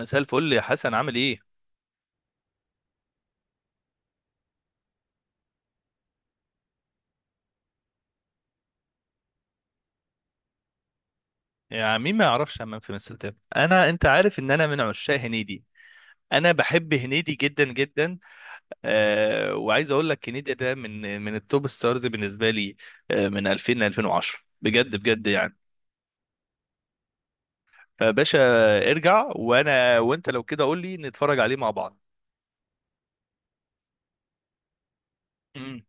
مساء الفل يا حسن، عامل ايه؟ يا مين ما يعرفش همام في مساء الفل، انا انت عارف ان انا من عشاق هنيدي. انا بحب هنيدي جدا جدا. وعايز اقول لك هنيدي ده من التوب ستارز بالنسبه لي. من 2000 ل 2010، بجد بجد يعني، فباشا ارجع. وانا وانت لو كده قول لي نتفرج عليه مع بعض. مم.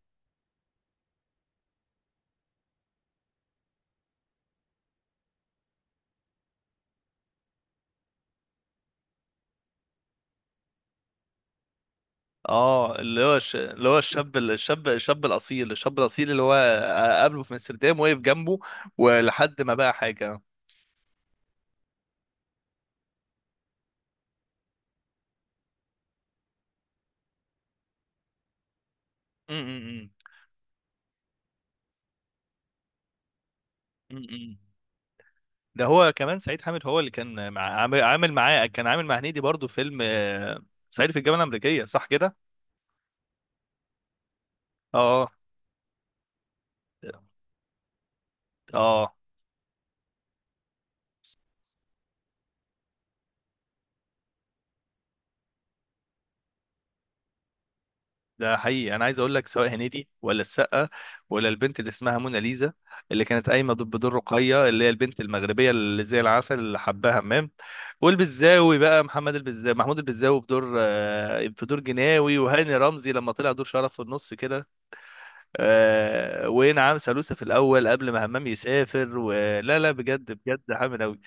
اه، اللي هو الشاب الاصيل، اللي هو قابله في امستردام، وقف جنبه ولحد ما بقى حاجه. مم، مم، مم. مم، مم. ده هو كمان سعيد حامد هو اللي كان عامل معاه، كان عامل مع هنيدي برضو فيلم، صعيدي في الجامعه الامريكيه، صح كده؟ اه، اه. آه، ده حقيقي. انا عايز اقول لك، سواء هنيدي ولا السقا ولا البنت اللي اسمها مناليزا اللي كانت قايمه ضد بدور رقيه اللي هي البنت المغربيه اللي زي العسل اللي حباها همام. والبزاوي بقى، محمد البزاوي محمود البزاوي بدور، في دور جناوي، وهاني رمزي لما طلع دور شرف في النص كده. ونعم سالوسة في الاول قبل ما همام يسافر ولا لا، بجد بجد حامل قوي.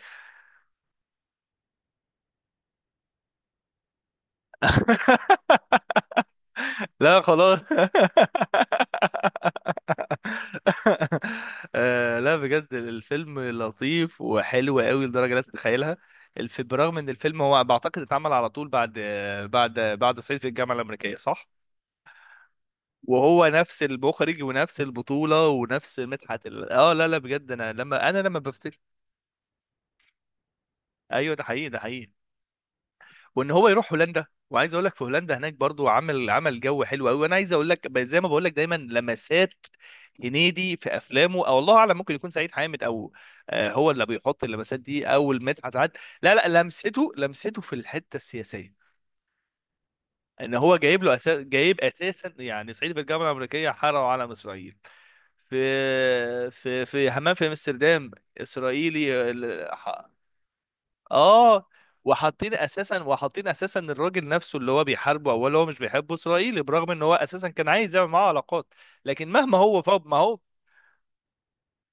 لا خلاص. لا بجد، الفيلم لطيف وحلو قوي لدرجة لا تتخيلها. برغم ان الفيلم هو بعتقد اتعمل على طول بعد، بعد صعيدي في الجامعة الأمريكية، صح؟ وهو نفس المخرج ونفس البطولة ونفس مدحت اه لا لا بجد، انا لما بفتكر. ايوه، ده حقيقي ده حقيقي. وان هو يروح هولندا. وعايز اقول لك في هولندا هناك برضو عمل جو حلو قوي. وانا عايز اقول لك، زي ما بقول لك دايما، لمسات هنيدي في افلامه، او الله اعلم ممكن يكون سعيد حامد، او هو اللي بيحط اللمسات دي، او مدحت عاد. لا لا، لمسته في الحته السياسيه. ان هو جايب له أساس، جايب اساسا يعني صعيدي في الجامعه الامريكيه حرقوا علم اسرائيل. في حمام في امستردام اسرائيلي. اه، وحاطين اساسا الراجل نفسه اللي هو بيحاربه، اول هو مش بيحبه اسرائيلي، برغم ان هو اساسا كان عايز يعمل معاه علاقات. لكن مهما هو فوق، ما هو.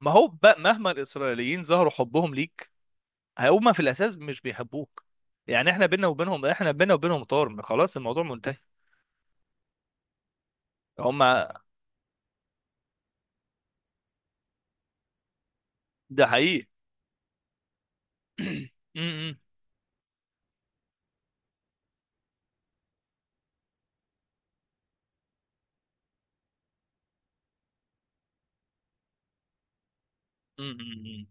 ما هو بقى مهما الاسرائيليين ظهروا حبهم ليك، هما في الاساس مش بيحبوك. يعني احنا بينا وبينهم طار، خلاص الموضوع منتهي. هما ده حقيقي. م- م- م-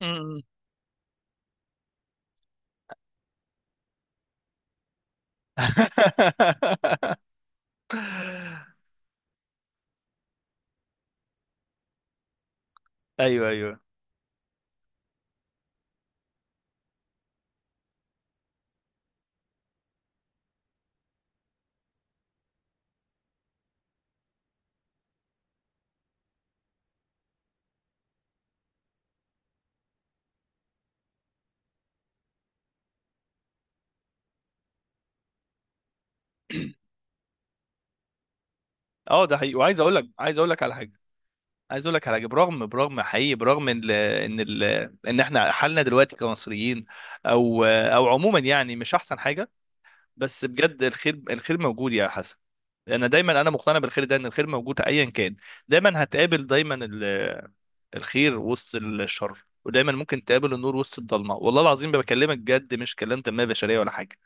م- م- ايوه ايوه. اه، ده حقيقي. وعايز اقول لك عايز اقول لك على حاجه. عايز اقول لك على حاجه، برغم حقيقي. برغم ان احنا حالنا دلوقتي كمصريين، او عموما، يعني مش احسن حاجه. بس بجد، الخير موجود يا حسن. انا مقتنع بالخير ده، ان الخير موجود ايا كان. دايما هتقابل، دايما الخير وسط الشر، ودايما ممكن تقابل النور وسط الضلمه. والله العظيم بكلمك بجد، مش كلام تنميه بشريه ولا حاجه.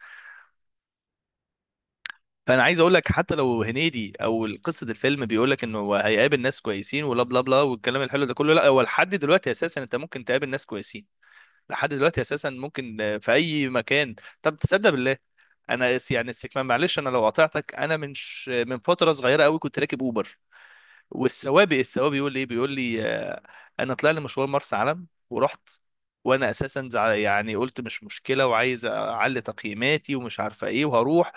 فانا عايز اقول لك، حتى لو هنيدي او قصه الفيلم بيقول لك انه هو هيقابل ناس كويسين ولا بلا بلا والكلام الحلو ده كله، لا، هو لحد دلوقتي اساسا انت ممكن تقابل ناس كويسين. لحد دلوقتي اساسا ممكن، في اي مكان. طب تصدق بالله، انا اس- يعني السك- معلش انا لو قاطعتك، انا من فتره صغيره قوي كنت راكب اوبر. السواق بيقول لي ايه، بيقول لي، انا طلع لي مشوار مرسى علم ورحت. وانا اساسا يعني قلت مش مشكله، وعايز اعلي تقييماتي ومش عارفه ايه وهروح.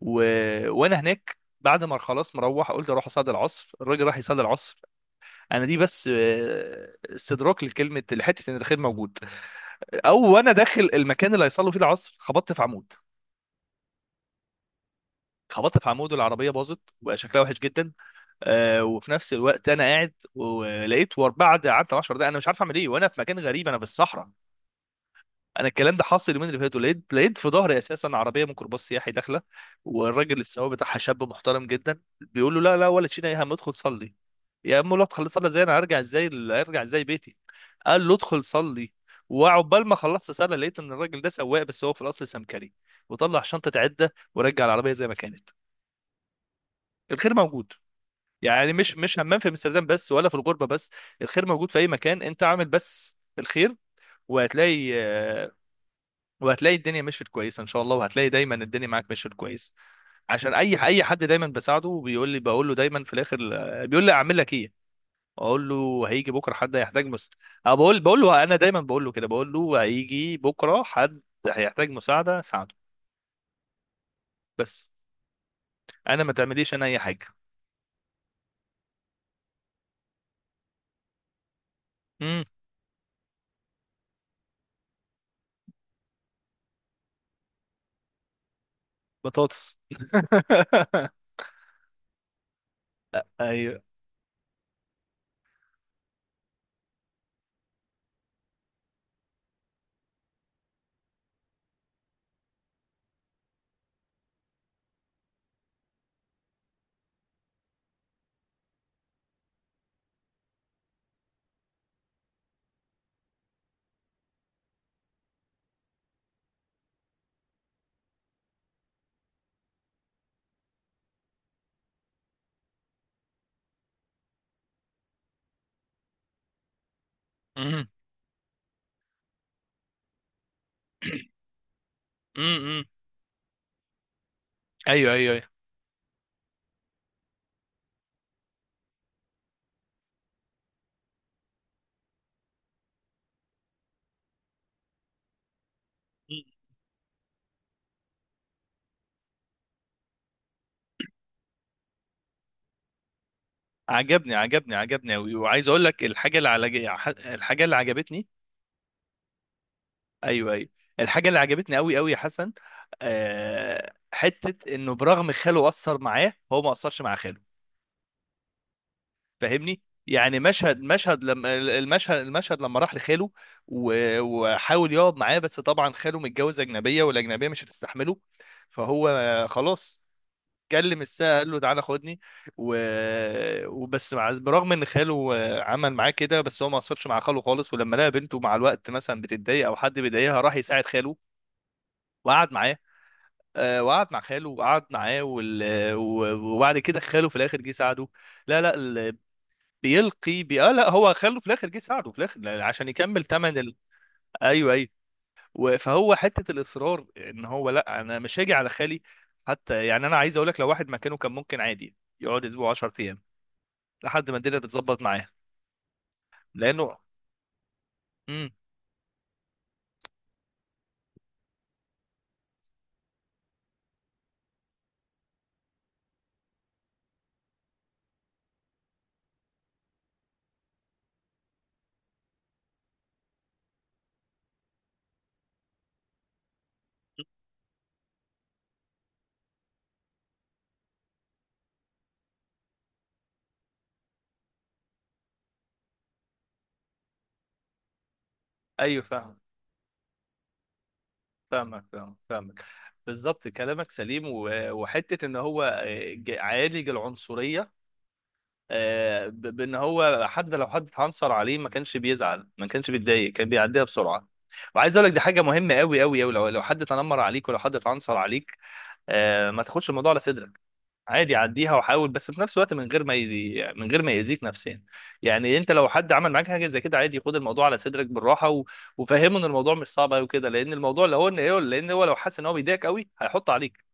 و... وانا هناك بعد ما خلاص مروح قلت اروح اصلي العصر. الراجل راح يصلي العصر. انا دي بس استدراك لكلمه لحته ان الخير موجود. او، وانا داخل المكان اللي هيصلوا فيه العصر، خبطت في عمود. خبطت في عمود، والعربيه باظت وبقى شكلها وحش جدا. وفي نفس الوقت انا قاعد، ولقيت بعد قعدت 10 دقايق انا مش عارف اعمل ايه، وانا في مكان غريب، انا في الصحراء. انا الكلام ده حاصل اليومين اللي فاتوا. لقيت في ظهري اساسا عربيه ميكروباص سياحي داخله. والراجل السواق بتاعها شاب محترم جدا، بيقول له لا لا، ولا تشيل يا هم، ادخل صلي. يا عم لا، ادخل صلي ازاي؟ انا هرجع ازاي؟ هرجع ازاي بيتي؟ قال له ادخل صلي. وعقبال ما خلصت صلاة لقيت ان الراجل ده سواق بس هو في الاصل سمكري، وطلع شنطه عده ورجع العربيه زي ما كانت. الخير موجود. يعني مش همام في امستردام بس، ولا في الغربه بس، الخير موجود في اي مكان. انت اعمل بس الخير، وهتلاقي، وهتلاقي الدنيا مشيت كويسه ان شاء الله. وهتلاقي دايما الدنيا معاك مشيت كويس. عشان اي حد دايما بساعده، وبيقول لي، بقول له دايما في الاخر، بيقول لي اعمل لك ايه، اقول له هيجي بكره حد هيحتاج أو بقول له. انا دايما بقول له كده، بقول له هيجي بكره حد هيحتاج ساعده بس، انا ما تعمليش انا اي حاجه. امم. بطاطس. ايوه. امم. ايوه ايوه ايوه. عجبني عجبني عجبني قوي. وعايز اقول لك الحاجه اللي على، الحاجه اللي عجبتني. ايوه ايوه. الحاجه اللي عجبتني قوي قوي يا حسن، حته انه برغم خاله اثر معاه، هو ما اثرش مع خاله. فاهمني؟ يعني مشهد لما، المشهد لما راح لخاله، وحاول يقعد معاه. بس طبعا خاله متجوز اجنبيه، والاجنبيه مش هتستحمله. فهو خلاص كلم الساعة، قال له تعالى خدني. و... وبس برغم ان خاله، عمل معاه كده، بس هو ما قصرش مع خاله خالص. ولما لقى بنته مع الوقت مثلا بتتضايق او حد بيضايقها، راح يساعد خاله وقعد معاه. وقعد مع خاله وقعد معاه، وبعد كده خاله في الاخر جه ساعده. لا لا، لا، هو خاله في الاخر جه ساعده، في الاخر عشان يكمل تمن ال... ايوه ايوه. فهو حته الاصرار، ان هو لا، انا مش هاجي على خالي. حتى يعني انا عايز اقول لك، لو واحد مكانه كان ممكن عادي يقعد اسبوع 10 ايام لحد ما الدنيا بتظبط معاه، لانه. امم. ايوه فاهم. فاهمك. بالظبط كلامك سليم. وحته ان هو، عالج العنصريه، بان هو حد، لو حد اتعنصر عليه ما كانش بيزعل ما كانش بيتضايق، كان بيعديها بسرعه. وعايز اقول لك دي حاجه مهمه قوي قوي قوي. لو حد تنمر عليك ولو حد اتعنصر عليك، ما تاخدش الموضوع على صدرك. عادي عديها، وحاول بس في نفس الوقت من غير ما يأذيك نفسيا. يعني انت لو حد عمل معاك حاجه زي كده، عادي خد الموضوع على صدرك بالراحه، و... وفهمه ان الموضوع مش صعب قوي كده. لان الموضوع لو هو ان ايه، لان هو لو حس ان هو بيضايقك قوي هيحط عليك.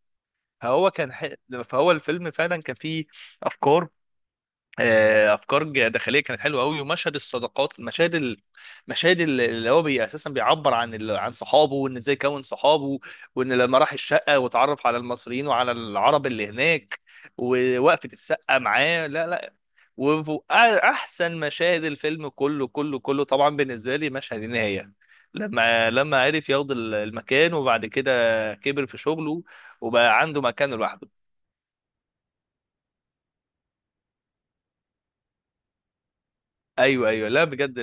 فهو كان فهو الفيلم فعلا كان فيه افكار، افكار داخليه كانت حلوه قوي. ومشهد الصداقات، اللي هو اساسا بيعبر عن عن صحابه، وان ازاي كون صحابه. وان لما راح الشقه وتعرف على المصريين وعلى العرب اللي هناك، ووقفه السقه معاه. لا لا. واحسن مشاهد الفيلم كله كله كله طبعا بالنسبه لي مشهد النهايه، لما عرف ياخد المكان، وبعد كده كبر في شغله، وبقى عنده مكان لوحده. ايوه ايوه، لا بجد.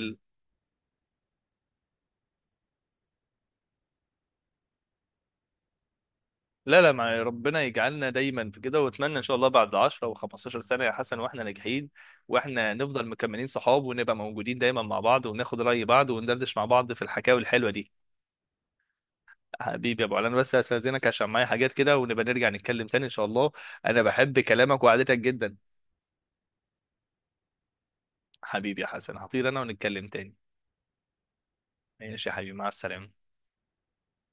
لا لا، مع ربنا يجعلنا دايما في كده. واتمنى ان شاء الله بعد 10 او 15 سنه يا حسن واحنا ناجحين، واحنا نفضل مكملين صحاب، ونبقى موجودين دايما مع بعض، وناخد راي بعض، وندردش مع بعض في الحكاوي الحلوه دي. حبيبي يا ابو علي، انا بس هستاذنك عشان معايا حاجات كده، ونبقى نرجع نتكلم تاني ان شاء الله. انا بحب كلامك وقعدتك جدا. حبيبي يا حسن، هطير انا، ونتكلم تاني. ماشي يا حبيبي، مع السلامه.